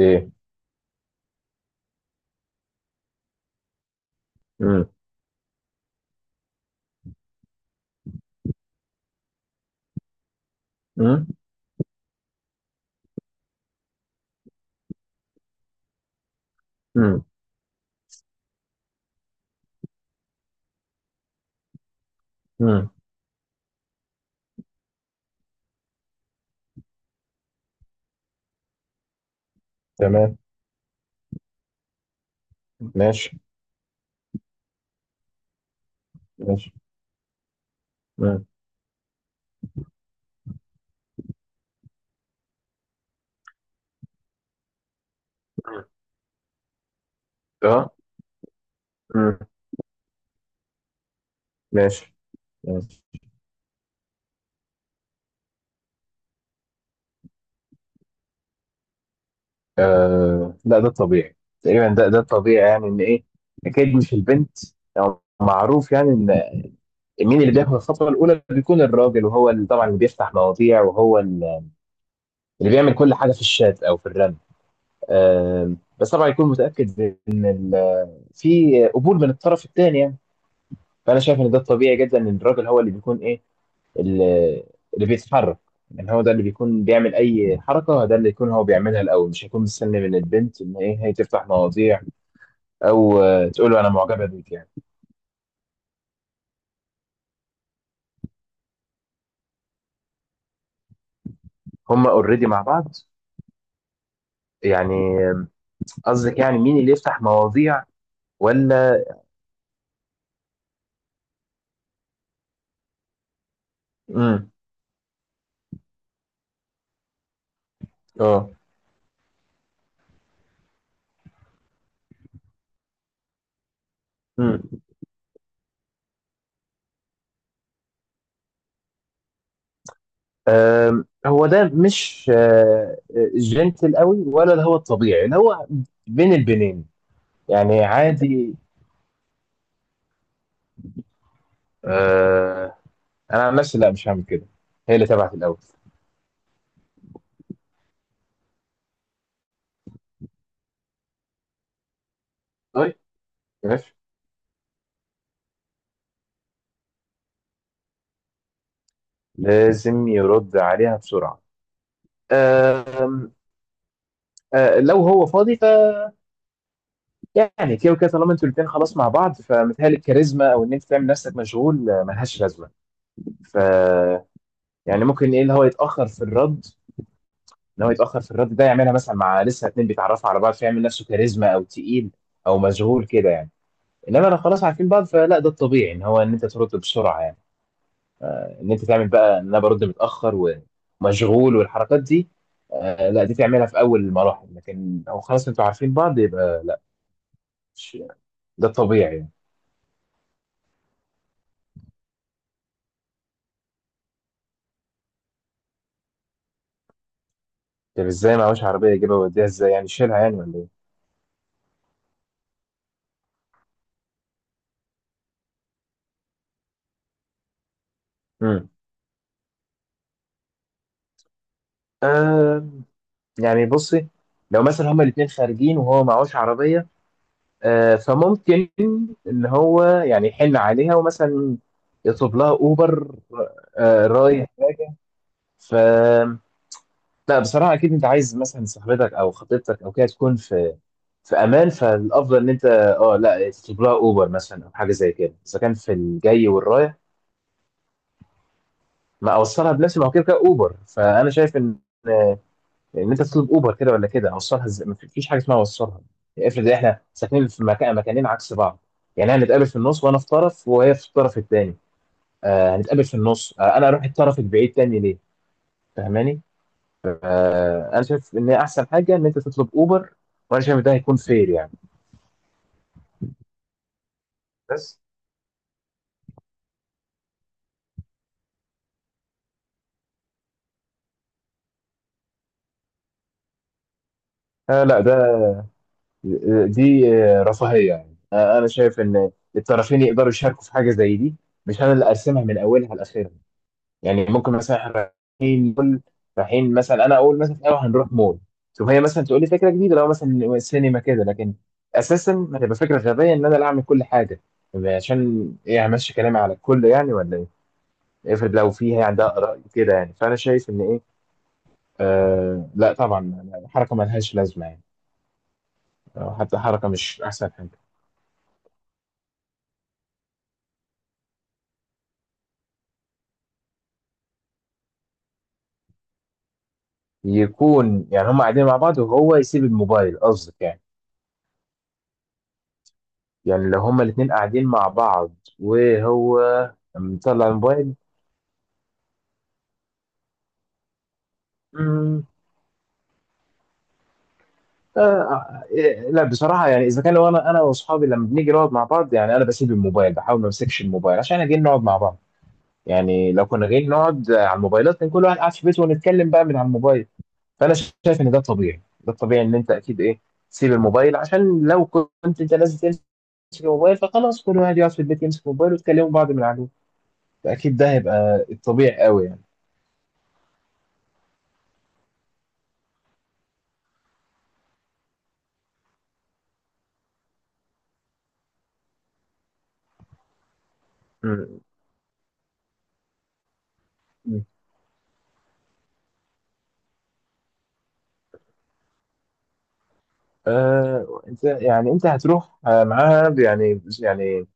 ايه. امم. امم. امم. امم. تمام. ماشي. ماشي. امم. اه. امم. ماشي. ماشي. آه، لا ده طبيعي. تقريبا ده طبيعي، يعني ان ايه. اكيد مش البنت، او معروف يعني ان مين اللي بياخد الخطوه الاولى بيكون الراجل، وهو اللي طبعا اللي بيفتح مواضيع، وهو اللي بيعمل كل حاجه في الشات او في الرن. آه، بس طبعا يكون متاكد ان في قبول من الطرف الثاني يعني. فانا شايف ان ده طبيعي جدا، ان الراجل هو اللي بيكون ايه، اللي اللي بيتحرك. يعني هو ده اللي بيكون بيعمل اي حركه، ده اللي يكون هو بيعملها الاول، مش هيكون مستني من البنت ان ايه هي تفتح مواضيع، او تقول له انا معجبه بيك يعني. هما اوريدي مع بعض. يعني آه، قصدك يعني مين اللي يفتح مواضيع، ولا... امم. اه. امم. هو ده مش جنتل قوي، ولا ده هو الطبيعي اللي هو بين البنين يعني عادي؟ آه، انا عن نفسي لا، مش هعمل كده. هي اللي تبعت الاول. طيب، لازم يرد عليها بسرعه. آه. آه، لو هو فاضي. فيعني كده وكده طالما انتوا الاثنين خلاص مع بعض، فمتهيألي الكاريزما او ان انت تعمل نفسك مشغول ملهاش لازمه. ف يعني ممكن ايه اللي هو يتاخر في الرد، ان هو يتاخر في الرد ده يعملها مثلا مع لسه اتنين بيتعرفوا على بعض، فيعمل نفسه كاريزما او تقيل او مشغول كده يعني. انما لو خلاص عارفين بعض فلا، ده الطبيعي ان هو ان انت ترد بسرعه يعني. ان انت تعمل بقى ان انا برد متاخر ومشغول والحركات دي، آه لا، دي تعملها في اول المراحل، لكن لو خلاص انتوا عارفين بعض يبقى لا، مش ده الطبيعي يعني. طب ازاي معهوش عربيه يجيبها ويوديها؟ ازاي يعني، شيلها يعني ولا ايه؟ امم. آه، يعني بصي، لو مثلا هما الاثنين خارجين وهو معهوش عربيه آه، فممكن ان هو يعني يحن عليها ومثلا يطلب لها اوبر. آه رايح. ف لا بصراحة، أكيد أنت عايز مثلا صاحبتك أو خطيبتك أو كده تكون في امان، فالافضل ان انت لا تطلب لها اوبر مثلا او حاجه زي كده اذا كان في الجاي والرايح. ما اوصلها بنفسي، ما هو كده كده اوبر. فانا شايف ان انت تطلب اوبر، كده ولا كده اوصلها ازاي، ما فيش حاجه اسمها اوصلها. افرض احنا ساكنين في مكانين عكس بعض. يعني هنتقابل في النص، وانا في طرف وهي في الطرف الثاني. آه، هنتقابل في النص. آه، انا اروح الطرف البعيد تاني ليه؟ فاهماني؟ آه، انا شايف ان احسن حاجه ان انت تطلب اوبر، وانا شايف ده هيكون فير يعني. بس آه لا، دي رفاهية، يعني أنا شايف إن الطرفين يقدروا يشاركوا في حاجة زي دي. مش أنا اللي أرسمها من أولها لآخرها. يعني ممكن مثلا إحنا رايحين مول، رايحين مثلا، أنا أقول مثلا أيوه هنروح مول. شوف، هي مثلا تقول لي فكرة جديدة لو مثلا سينما كده، لكن أساسا هتبقى فكرة غبية إن أنا اللي أعمل كل حاجة. عشان إيه همشي كلامي على الكل يعني ولا إيه؟ افرض لو في هي عندها آراء كده يعني، فأنا شايف إن إيه، آه لا طبعا، حركة ملهاش لازمة يعني. أو حتى حركة مش أحسن حاجة. يكون يعني هم قاعدين مع بعض وهو يسيب الموبايل، قصدك يعني؟ يعني لو هما الاتنين قاعدين مع بعض وهو مطلع الموبايل. مم، آه، إيه، لا بصراحة، يعني إذا كان لو أنا وأصحابي لما بنيجي نقعد مع بعض، يعني أنا بسيب الموبايل، بحاول ما أمسكش الموبايل عشان إحنا جايين نقعد مع بعض. يعني لو كنا جايين نقعد على الموبايلات، كان كل واحد قاعد في بيته ونتكلم بقى من على الموبايل. فانا شايف ان ده الطبيعي، ده الطبيعي، ان انت اكيد ايه، تسيب الموبايل عشان لو كنت انت لازم تمسك الموبايل فخلاص كل واحد يقعد في البيت يمسك الموبايل ويتكلموا بعض من عليه، فاكيد ده هيبقى الطبيعي قوي يعني. مم. مم. انت يعني انت هتروح معاها يعني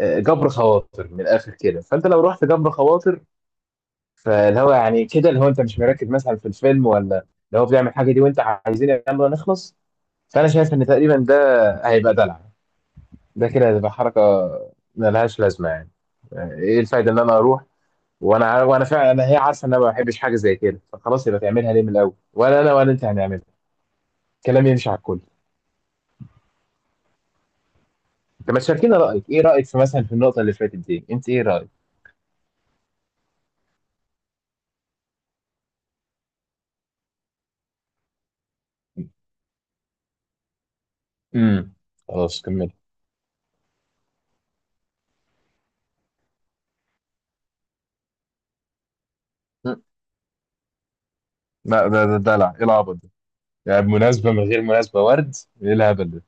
آه، جبر خواطر من الاخر كده، فانت لو رحت جبر خواطر، فاللي هو يعني كده اللي هو انت مش مركز مثلا في الفيلم، ولا اللي هو بيعمل حاجه دي وانت عايزين يلا نخلص. فانا شايف ان تقريبا ده هيبقى دلع، ده كده هتبقى حركة ملهاش لازمة يعني. ايه الفايدة ان انا اروح وانا عارف، وانا فعلا هي عارفة ان انا ما بحبش حاجة زي كده، فخلاص يبقى تعملها ليه من الاول؟ ولا انا ولا انت هنعملها. الكلام يمشي على الكل. انت ما تشاركينا رأيك، ايه رأيك في مثلا في النقطة اللي فاتت دي؟ انت ايه رأيك؟ امم. خلاص كمل. مم. لا، ده دلع، ايه العبط ده؟ يعني مناسبة من غير مناسبة ورد، ايه الهبل ده؟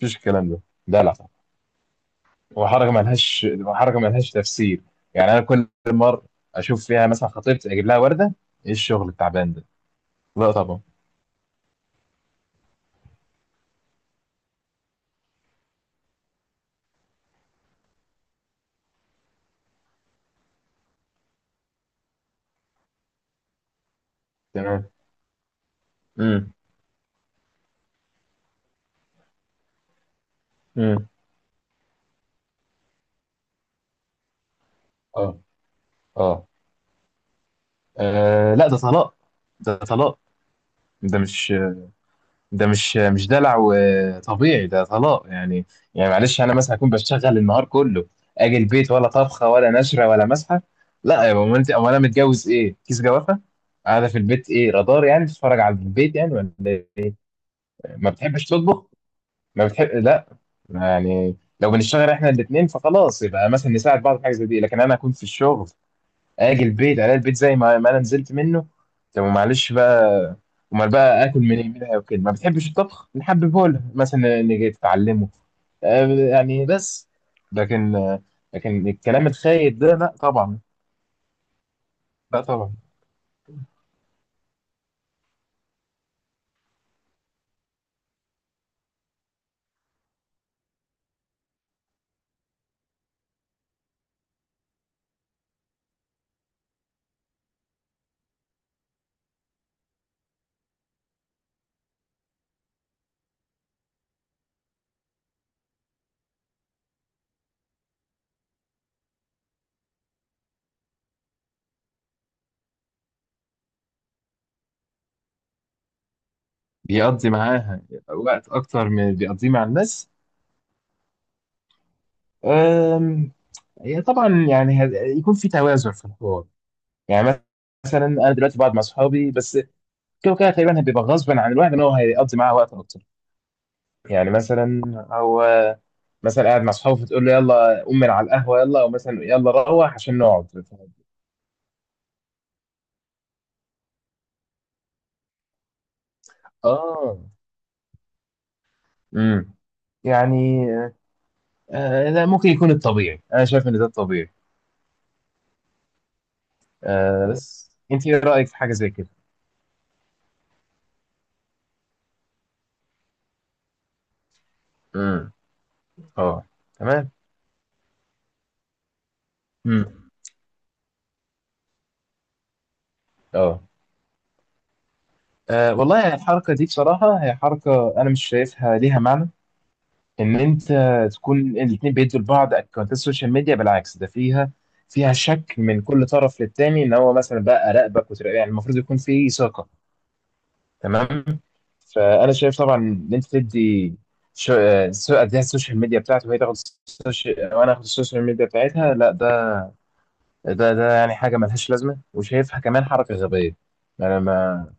مفيش الكلام ده. دلع وحركه ما لهاش تفسير. يعني انا كل مره اشوف فيها مثلا خطيبتي اجيب لها ورده؟ ايه الشغل التعبان ده؟ لا طبعا. تمام. امم. امم. اه. اه. آه، لا ده طلاق، ده طلاق، ده مش ده مش دلع وطبيعي، ده طلاق يعني. يعني معلش، انا مثلا اكون بشتغل النهار كله، اجي البيت ولا طبخه ولا نشره ولا مسحه. لا يا بابا، انت امال انا متجوز ايه، كيس جوافه قاعده في البيت؟ ايه رادار يعني، بتتفرج على البيت يعني ولا؟ ايه، ما بتحبش تطبخ، ما بتحب، لا. يعني لو بنشتغل احنا الاثنين فخلاص، يبقى مثلا نساعد بعض في حاجه زي دي، لكن انا اكون في الشغل، اجي البيت الاقي البيت زي ما انا نزلت منه. طب معلش بقى، امال بقى اكل منها وكده ما بتحبش الطبخ؟ نحببه لها مثلا، نيجي تتعلمه آه، يعني، بس. لكن آه، لكن الكلام الخايب ده، لا طبعا. لا طبعا. بيقضي معاها وقت اكتر من اللي بيقضيه مع الناس. آم، هي طبعا يعني يكون في توازن في الحوار. يعني مثلا انا دلوقتي بقعد مع اصحابي بس، كده كده تقريبا هيبقى غصبا عن الواحد ان هو هيقضي معاه وقت اكتر. يعني مثلا هو مثلا قاعد مع اصحابه، فتقول له يلا قوم من على القهوه يلا، او مثلا يلا روح عشان نقعد. اه. امم. يعني آه لا، ممكن يكون الطبيعي، انا شايف ان ده الطبيعي. آه، بس انت ايه رايك في حاجه زي كده؟ امم. اه. تمام. امم. اه. آه، والله الحركه دي بصراحه، هي حركه انا مش شايفها ليها معنى. ان انت تكون الاثنين بيدوا لبعض اكونتات السوشيال ميديا، بالعكس ده فيها شك من كل طرف للتاني، ان هو مثلا بقى راقبك وتراقب، يعني المفروض يكون في ثقه. تمام. فانا شايف طبعا ان انت تدي اديها السوشيال ميديا بتاعته، وهي تاخد السوشيال وانا اخد السوشيال ميديا بتاعتها، لا ده يعني حاجه ملهاش لازمه، وشايفها كمان حركه غبيه. انا ما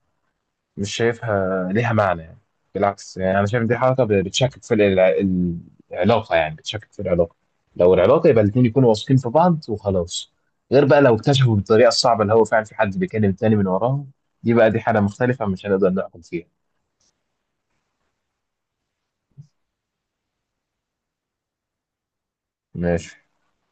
مش شايفها ليها معنى يعني. بالعكس، يعني انا شايف إن دي حركه بتشكك في العلاقه، يعني بتشكك في العلاقه. لو العلاقه يبقى الاثنين يكونوا واثقين في بعض وخلاص. غير بقى لو اكتشفوا بالطريقه الصعبه اللي هو فعلا في حد بيكلم تاني من وراهم، دي بقى دي حاله مختلفه، مش هنقدر نحكم فيها. ماشي.